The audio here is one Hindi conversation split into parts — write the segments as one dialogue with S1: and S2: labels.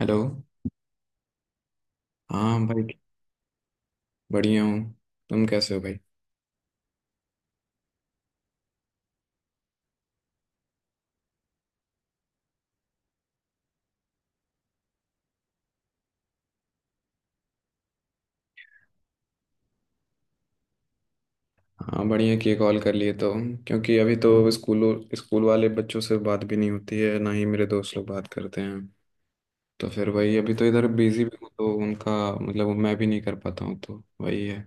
S1: हेलो। हाँ भाई, बढ़िया हूँ। तुम कैसे हो भाई? हाँ, बढ़िया कि कॉल कर लिए तो। क्योंकि अभी तो स्कूल वाले बच्चों से बात भी नहीं होती है, ना ही मेरे दोस्त लोग बात करते हैं। तो फिर वही, अभी तो इधर बिजी भी हूँ तो उनका मतलब मैं भी नहीं कर पाता हूँ, तो वही है।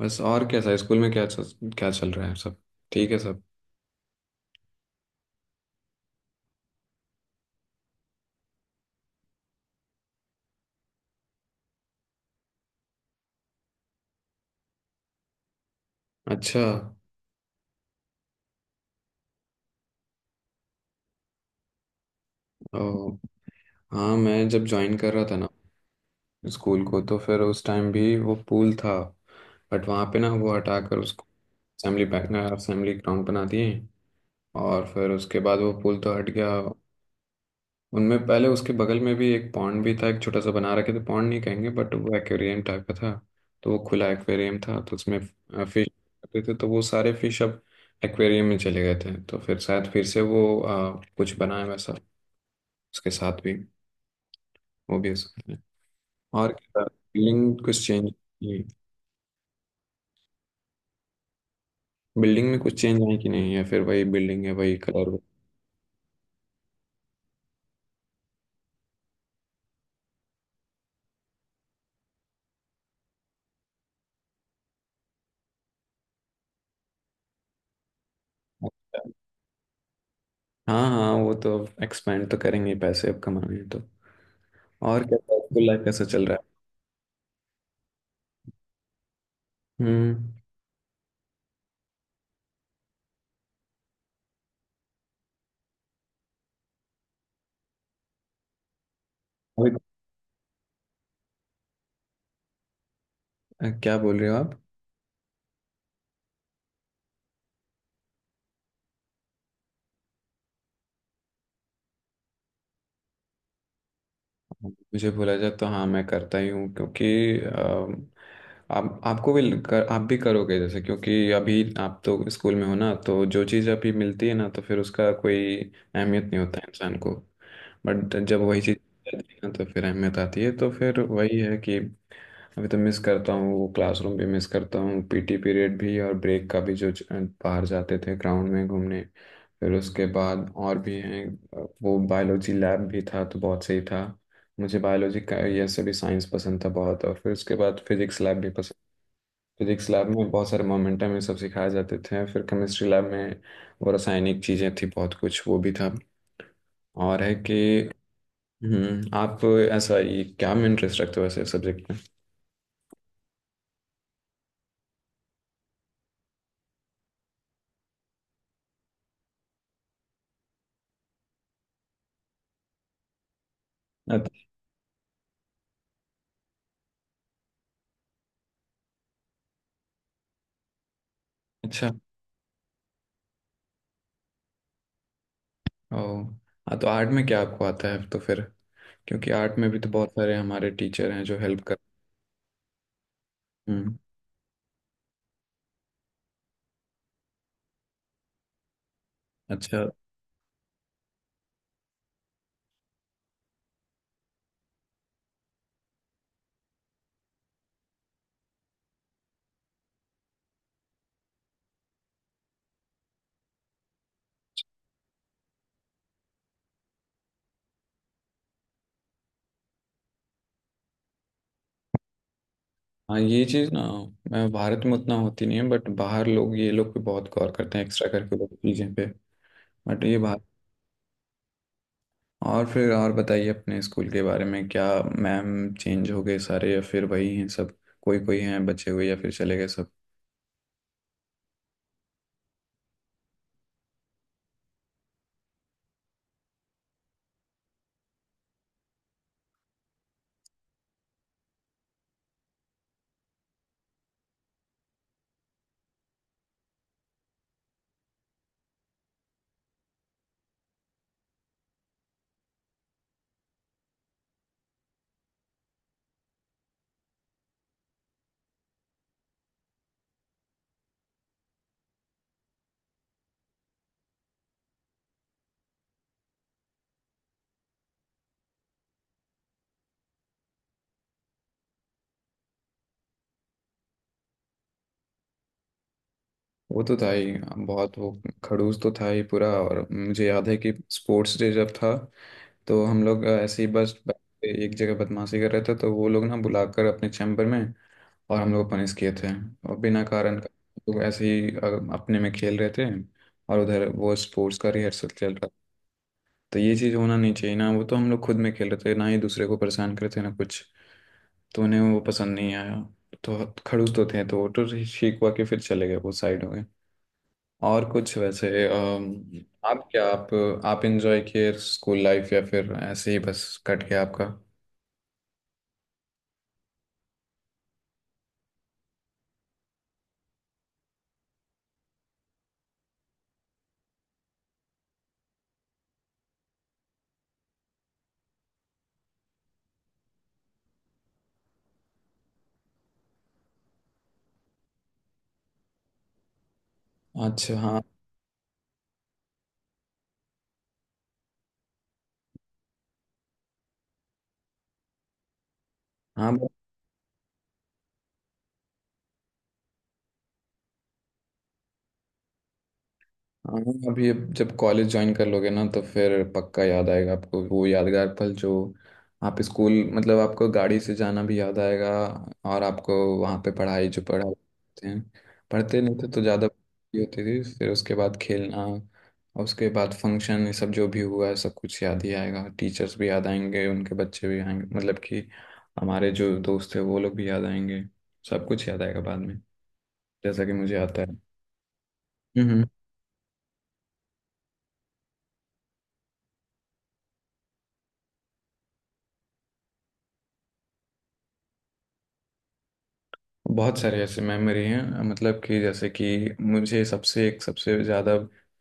S1: बस, और कैसा है? स्कूल में क्या चल रहा है सब? ठीक है सब? अच्छा। ओ, हाँ मैं जब ज्वाइन कर रहा था ना स्कूल को, तो फिर उस टाइम भी वो पूल था। बट वहाँ पे ना वो हटाकर उसको असेंबली असेंबली ग्राउंड बना दिए, और फिर उसके बाद वो पुल तो हट गया। उनमें पहले उसके बगल में भी एक पॉन्ड भी था, एक छोटा सा बना रखे थे, पॉन्ड नहीं कहेंगे बट वो एक्वेरियम टाइप का था। तो वो खुला एक्वेरियम था, तो उसमें फिश रहते थे, तो वो सारे फिश अब एक्वेरियम में चले गए थे। तो फिर शायद फिर से वो कुछ बनाए वैसा, उसके साथ भी वो भी हो सकता है। और बिल्डिंग कुछ चेंज की? बिल्डिंग में कुछ चेंज आए कि नहीं, या फिर वही बिल्डिंग है, वही कलर? हाँ हाँ, वो तो एक्सपेंड तो करेंगे ही, पैसे अब कमाने हैं तो। और क्या, स्कूल लाइफ कैसा चल रहा है? हम्म। अभी क्या बोल रहे हो आप? मुझे बोला जाए तो हाँ, मैं करता ही हूँ, क्योंकि अम, आप भी करोगे जैसे, क्योंकि अभी आप तो स्कूल में हो ना, तो जो चीज़ अभी मिलती है ना, तो फिर उसका कोई अहमियत नहीं होता है इंसान को। बट जब वही चीज़ जाती है ना, तो फिर अहमियत आती है। तो फिर वही है कि अभी तो मिस करता हूँ, वो क्लासरूम भी मिस करता हूँ, पीटी पीरियड भी, और ब्रेक का भी जो बाहर जाते थे ग्राउंड में घूमने। फिर उसके बाद और भी हैं, वो बायोलॉजी लैब भी था, तो बहुत सही था। मुझे बायोलॉजी का ये सभी साइंस पसंद था बहुत, और फिर उसके बाद फिजिक्स लैब भी पसंद। फिजिक्स लैब में बहुत सारे मोमेंटम, ये सब सिखाए जाते थे। फिर केमिस्ट्री लैब में वो रासायनिक चीज़ें थी, बहुत कुछ वो भी था। और है कि हम्म, आप ऐसा, ये क्या में इंटरेस्ट रखते हो ऐसे सब्जेक्ट में? अत- अच्छा। ओ हाँ, तो आर्ट में क्या आपको आता है, तो फिर? क्योंकि आर्ट में भी तो बहुत सारे हमारे टीचर हैं जो हेल्प कर... हम्म। अच्छा, हाँ, ये चीज़ ना, मैं भारत में उतना होती नहीं है, बट बाहर लोग, ये लोग पे बहुत गौर करते हैं, एक्स्ट्रा करिकुलर चीज़ें पे। बट ये बात। और फिर और बताइए अपने स्कूल के बारे में। क्या मैम चेंज हो गए सारे, या फिर वही हैं सब? कोई कोई हैं बचे हुए, या फिर चले गए सब? वो तो था ही बहुत वो, खड़ूस तो था ही पूरा। और मुझे याद है कि स्पोर्ट्स डे जब था, तो हम लोग ऐसे ही बस बैठ के एक जगह बदमाशी कर रहे थे, तो वो लोग ना बुलाकर अपने चैम्बर में, और हम लोग पनिश किए थे। और बिना कारण का, लोग ऐसे ही अपने में खेल रहे थे, और उधर वो स्पोर्ट्स का रिहर्सल चल रहा था। तो ये चीज़ होना नहीं चाहिए ना, वो तो हम लोग खुद में खेल रहे थे, ना ही दूसरे को परेशान कर रहे थे, ना कुछ। तो उन्हें वो पसंद नहीं आया। तो खड़ूस तो थे, तो वो तो ठीक हुआ कि फिर चले गए, वो साइड हो गए। और कुछ वैसे आप क्या आप एंजॉय किए स्कूल लाइफ, या फिर ऐसे ही बस कट गया आपका? अच्छा। हाँ, हाँ, हाँ, अभी अब जब कॉलेज ज्वाइन कर लोगे ना, तो फिर पक्का याद आएगा आपको वो यादगार पल जो, आप स्कूल मतलब आपको गाड़ी से जाना भी याद आएगा। और आपको वहाँ पे पढ़ाई, जो पढ़ा करते हैं, पढ़ते नहीं थे तो ज़्यादा होती थी। फिर उसके बाद खेलना, और उसके बाद फंक्शन, ये सब जो भी हुआ है, सब कुछ याद ही आएगा। टीचर्स भी याद आएंगे, उनके बच्चे भी आएंगे, मतलब कि हमारे जो दोस्त थे वो लोग भी याद आएंगे। सब कुछ याद आएगा बाद में, जैसा कि मुझे आता है। बहुत सारे ऐसे मेमोरी हैं, मतलब कि जैसे कि मुझे सबसे ज़्यादा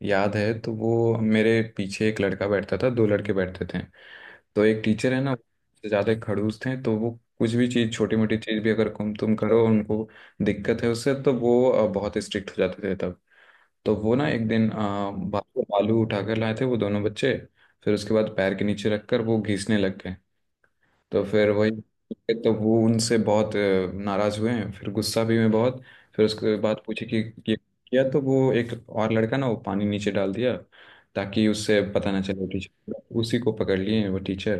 S1: याद है तो, वो मेरे पीछे एक लड़का बैठता था, दो लड़के बैठते थे। तो एक टीचर है ना, वो सबसे ज़्यादा खड़ूस थे। तो वो कुछ भी चीज़, छोटी मोटी चीज़ भी अगर तुम करो, उनको दिक्कत है उससे, तो वो बहुत स्ट्रिक्ट हो जाते थे तब। तो वो ना एक दिन बाहर से आलू उठाकर लाए थे वो दोनों बच्चे, फिर उसके बाद पैर के नीचे रखकर वो घिसने लग गए। तो फिर वही, तो वो उनसे बहुत नाराज हुए हैं, फिर गुस्सा भी हुए बहुत। फिर उसके बाद पूछे कि ये किया, तो वो एक और लड़का ना, वो पानी नीचे डाल दिया, ताकि उससे पता ना चले टीचर। उसी को पकड़ लिए हैं वो टीचर,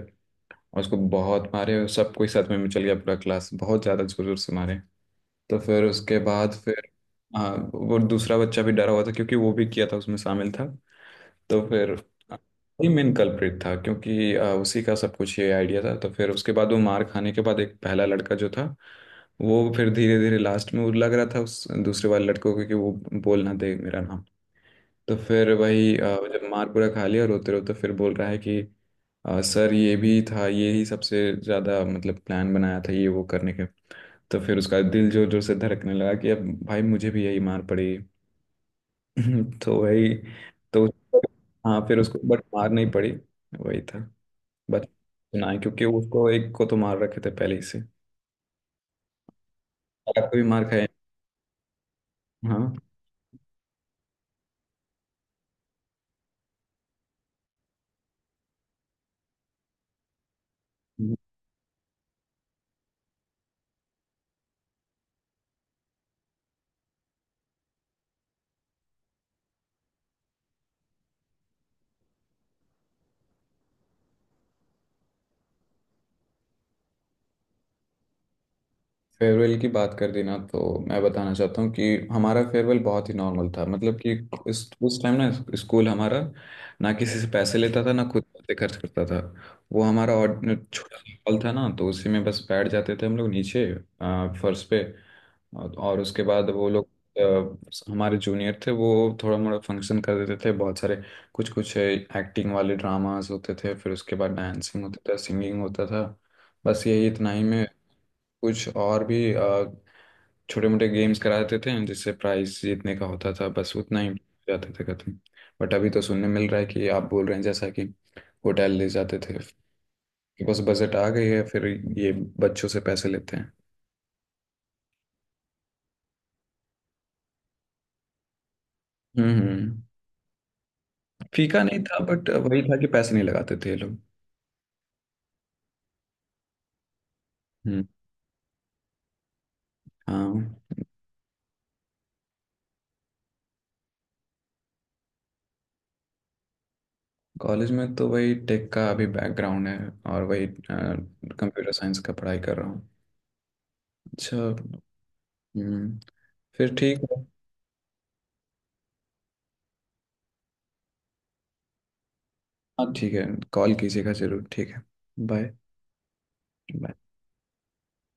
S1: और उसको बहुत मारे। सब कोई साथ में चल गया पूरा क्लास, बहुत ज़्यादा जोर जोर से मारे। तो फिर उसके बाद फिर, हाँ वो दूसरा बच्चा भी डरा हुआ था, क्योंकि वो भी किया था, उसमें शामिल था। तो फिर ही मेन कल्प्रिट था, क्योंकि उसी का सब कुछ ये आइडिया था। तो फिर उसके बाद वो मार खाने के बाद, एक पहला लड़का जो था, वो फिर धीरे धीरे लास्ट में, वो लग रहा था उस दूसरे वाले लड़कों को कि वो बोल ना दे मेरा नाम। तो फिर वही जब मार पूरा खा लिया, रोते रोते फिर बोल रहा है कि सर ये भी था, ये ही सबसे ज़्यादा, मतलब प्लान बनाया था ये वो करने के। तो फिर उसका दिल जोर जोर से धड़कने लगा कि अब भाई मुझे भी यही मार पड़ी। तो वही तो। हाँ, फिर उसको बट मार नहीं पड़ी, वही था बच ना, क्योंकि उसको एक को तो मार रखे थे पहले ही से, अगर कोई मार खाए। हाँ, फेयरवेल की बात कर दी ना, तो मैं बताना चाहता हूँ कि हमारा फेयरवेल बहुत ही नॉर्मल था। मतलब कि इस उस टाइम ना, स्कूल हमारा ना किसी से पैसे लेता था, ना खुद पैसे खर्च करता था। वो हमारा, और छोटा सा हॉल था ना, तो उसी में बस बैठ जाते थे हम लोग नीचे फर्श पे। और उसके बाद वो लोग हमारे जूनियर थे, वो थोड़ा मोड़ा फंक्शन कर देते थे। बहुत सारे कुछ कुछ एक्टिंग वाले ड्रामास होते थे, फिर उसके बाद डांसिंग होता था, सिंगिंग होता था। बस यही, इतना ही में कुछ और भी छोटे मोटे गेम्स करा देते थे, जिससे प्राइस जीतने का होता था। बस उतना ही, जाते थे खत्म। बट अभी तो सुनने मिल रहा है कि आप बोल रहे हैं, जैसा कि होटल ले जाते थे, बस बजट आ गई है फिर, ये बच्चों से पैसे लेते हैं। हम्म, फीका नहीं था, बट वही था कि पैसे नहीं लगाते थे ये लोग। हम्म। हाँ, कॉलेज में तो वही टेक का अभी बैकग्राउंड है, और वही कंप्यूटर साइंस का पढ़ाई कर रहा हूँ। अच्छा। हम्म, फिर ठीक है। हाँ, ठीक है, कॉल कीजिएगा जरूर, ठीक है। बाय।